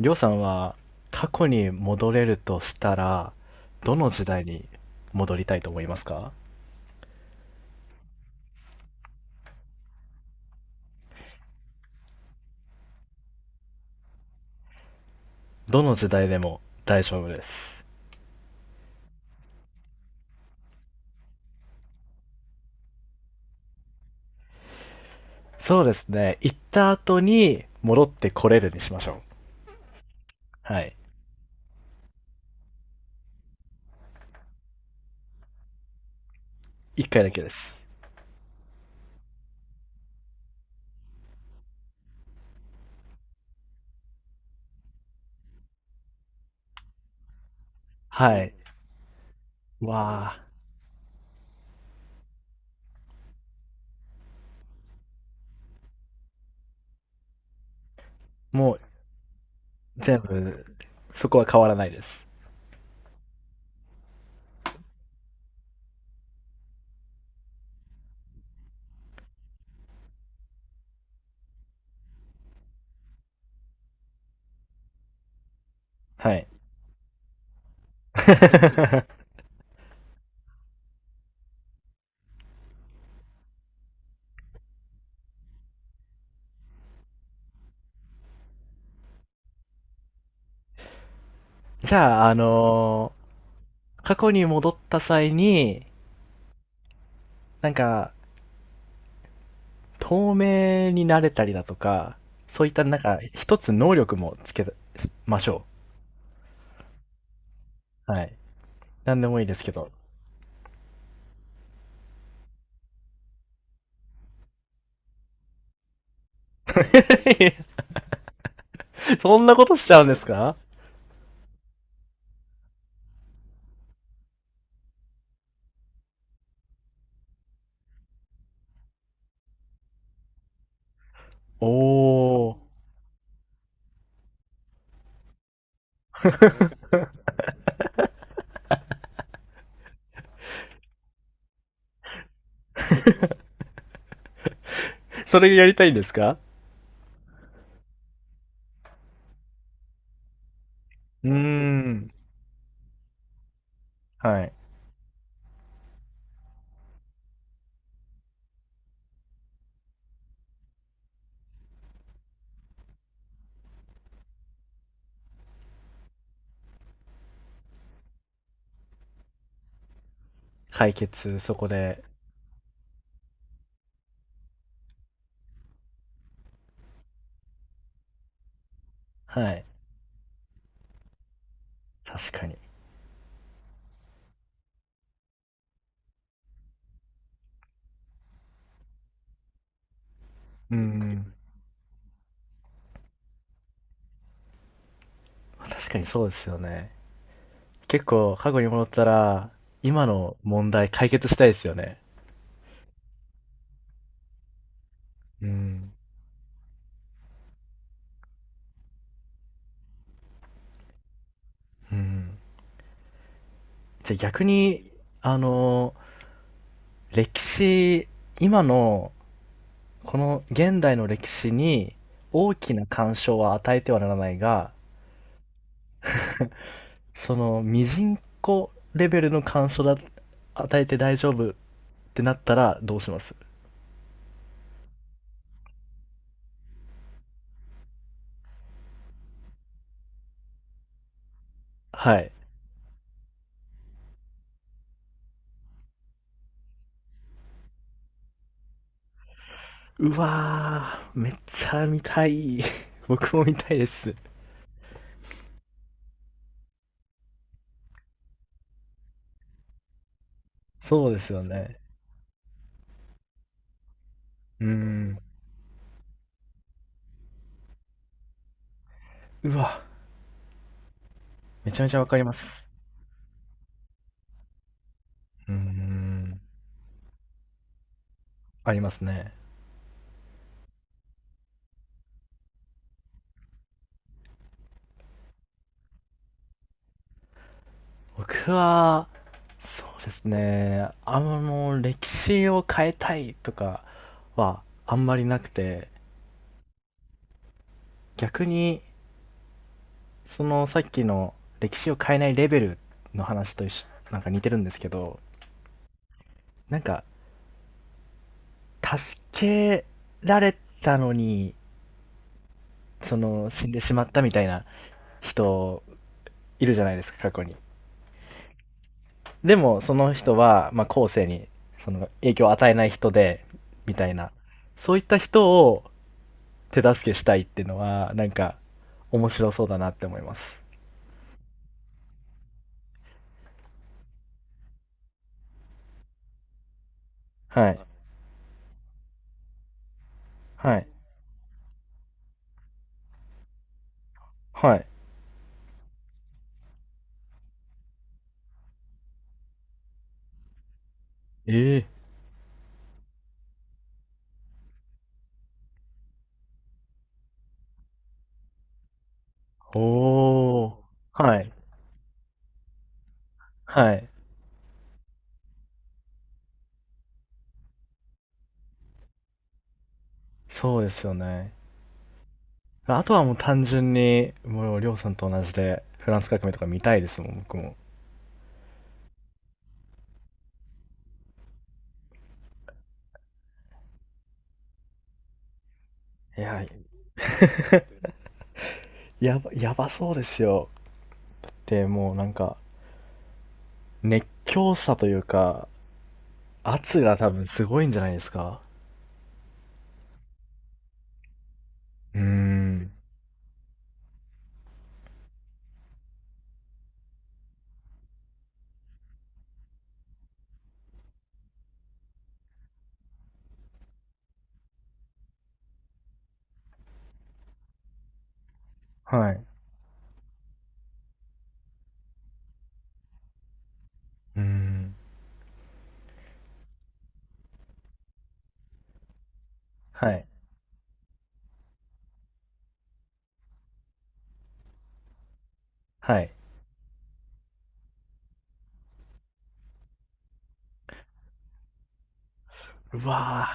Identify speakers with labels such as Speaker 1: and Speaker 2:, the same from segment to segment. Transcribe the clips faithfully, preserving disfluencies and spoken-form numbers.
Speaker 1: りょうさんは過去に戻れるとしたら、どの時代に戻りたいと思いますか？どの時代でも大丈夫です。そうですね。行った後に戻ってこれるにしましょう。はい。一回だけです。はい。わあ、もう全部、そこは変わらないです。はい。じゃあ、あのー過去に戻った際に、なんか、透明になれたりだとか、そういったなんか、一つ能力もつけましょう。はい。なんでもいいですけど。そんなことしちゃうんですか？おー。それやりたいんですか？うーん。はい。解決、そこで。はい。確かに。うーん。確かにそうですよね。結構、過去に戻ったら、今の問題解決したいですよね。うん。うん。じゃあ逆に、あの歴史、今の、この現代の歴史に大きな干渉は与えてはならないが、その、ミジンコレベルの干渉だ、与えて大丈夫ってなったらどうします？はい。うわー、めっちゃ見たい。僕も見たいです。そうですよね。うーん。うわ、めちゃめちゃわかります。うーん。ありますね。僕は、そうですね、あの、歴史を変えたいとかはあんまりなくて、逆に、そのさっきの歴史を変えないレベルの話と一緒、なんか似てるんですけど、なんか、助けられたのに、その、死んでしまったみたいな人、いるじゃないですか、過去に。でも、その人は、まあ、後世に、その、影響を与えない人で、みたいな。そういった人を、手助けしたいっていうのは、なんか、面白そうだなって思います。はい。はい。はい。えーおー。はい。はい。そうですよね。あとはもう単純に、もう、りょうさんと同じで、フランス革命とか見たいですもん、僕も。いや、やば、やばそうですよ。で、もうなんか、熱狂さというか、圧が多分すごいんじゃないですか？うーん。はい。うーん。はい。はい。うわ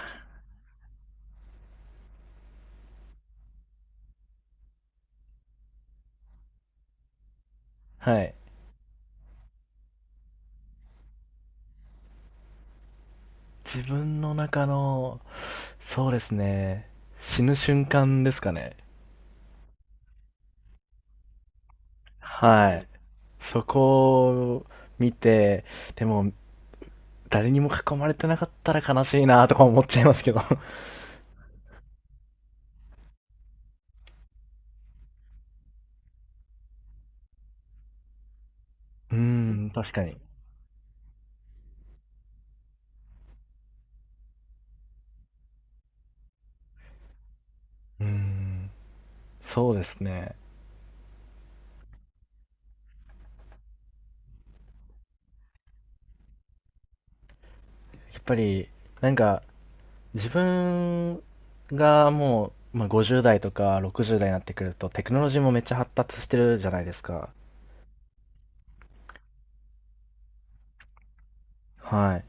Speaker 1: ー。はい。自分の中の、そうですね、死ぬ瞬間ですかね。はい。そこを見て、でも、誰にも囲まれてなかったら悲しいなとか思っちゃいますけど。うーん、確かに。うーん、そうですね。やっぱり、なんか、自分がもう、まあ、ごじゅう代とかろくじゅう代になってくると、テクノロジーもめっちゃ発達してるじゃないですか。はい。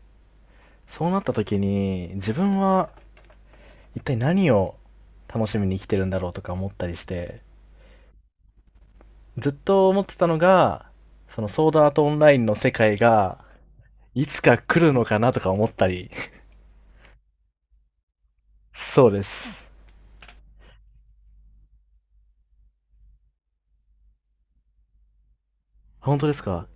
Speaker 1: そうなった時に、自分は一体何を楽しみに生きてるんだろうとか思ったりして、ずっと思ってたのが、そのソードアートオンラインの世界が、いつか来るのかなとか思ったり。そうです。本当ですか？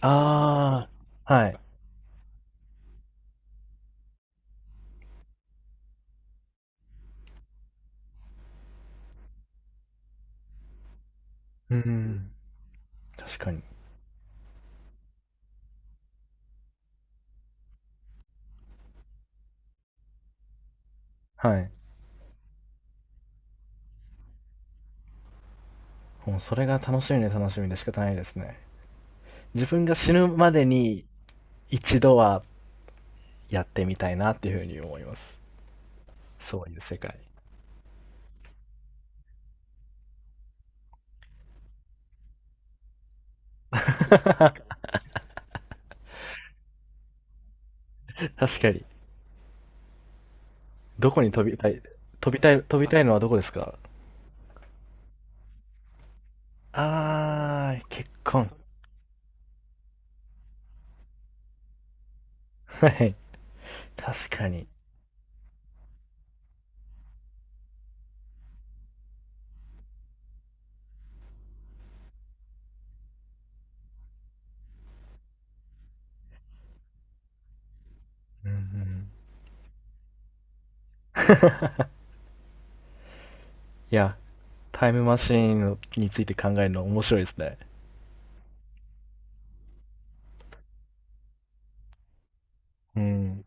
Speaker 1: ああー、はい。うん、確かに。はい。もうそれが楽しみで楽しみで仕方ないですね。自分が死ぬまでに一度はやってみたいなっていうふうに思います。そういう世界。確かに。どこに飛びたい飛びたい、飛びたいのはどこですか？あー、結婚。はい。確かに。うんうん。いや、タイムマシーンについて考えるの面白いですね。うん。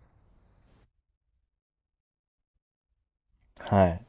Speaker 1: はい。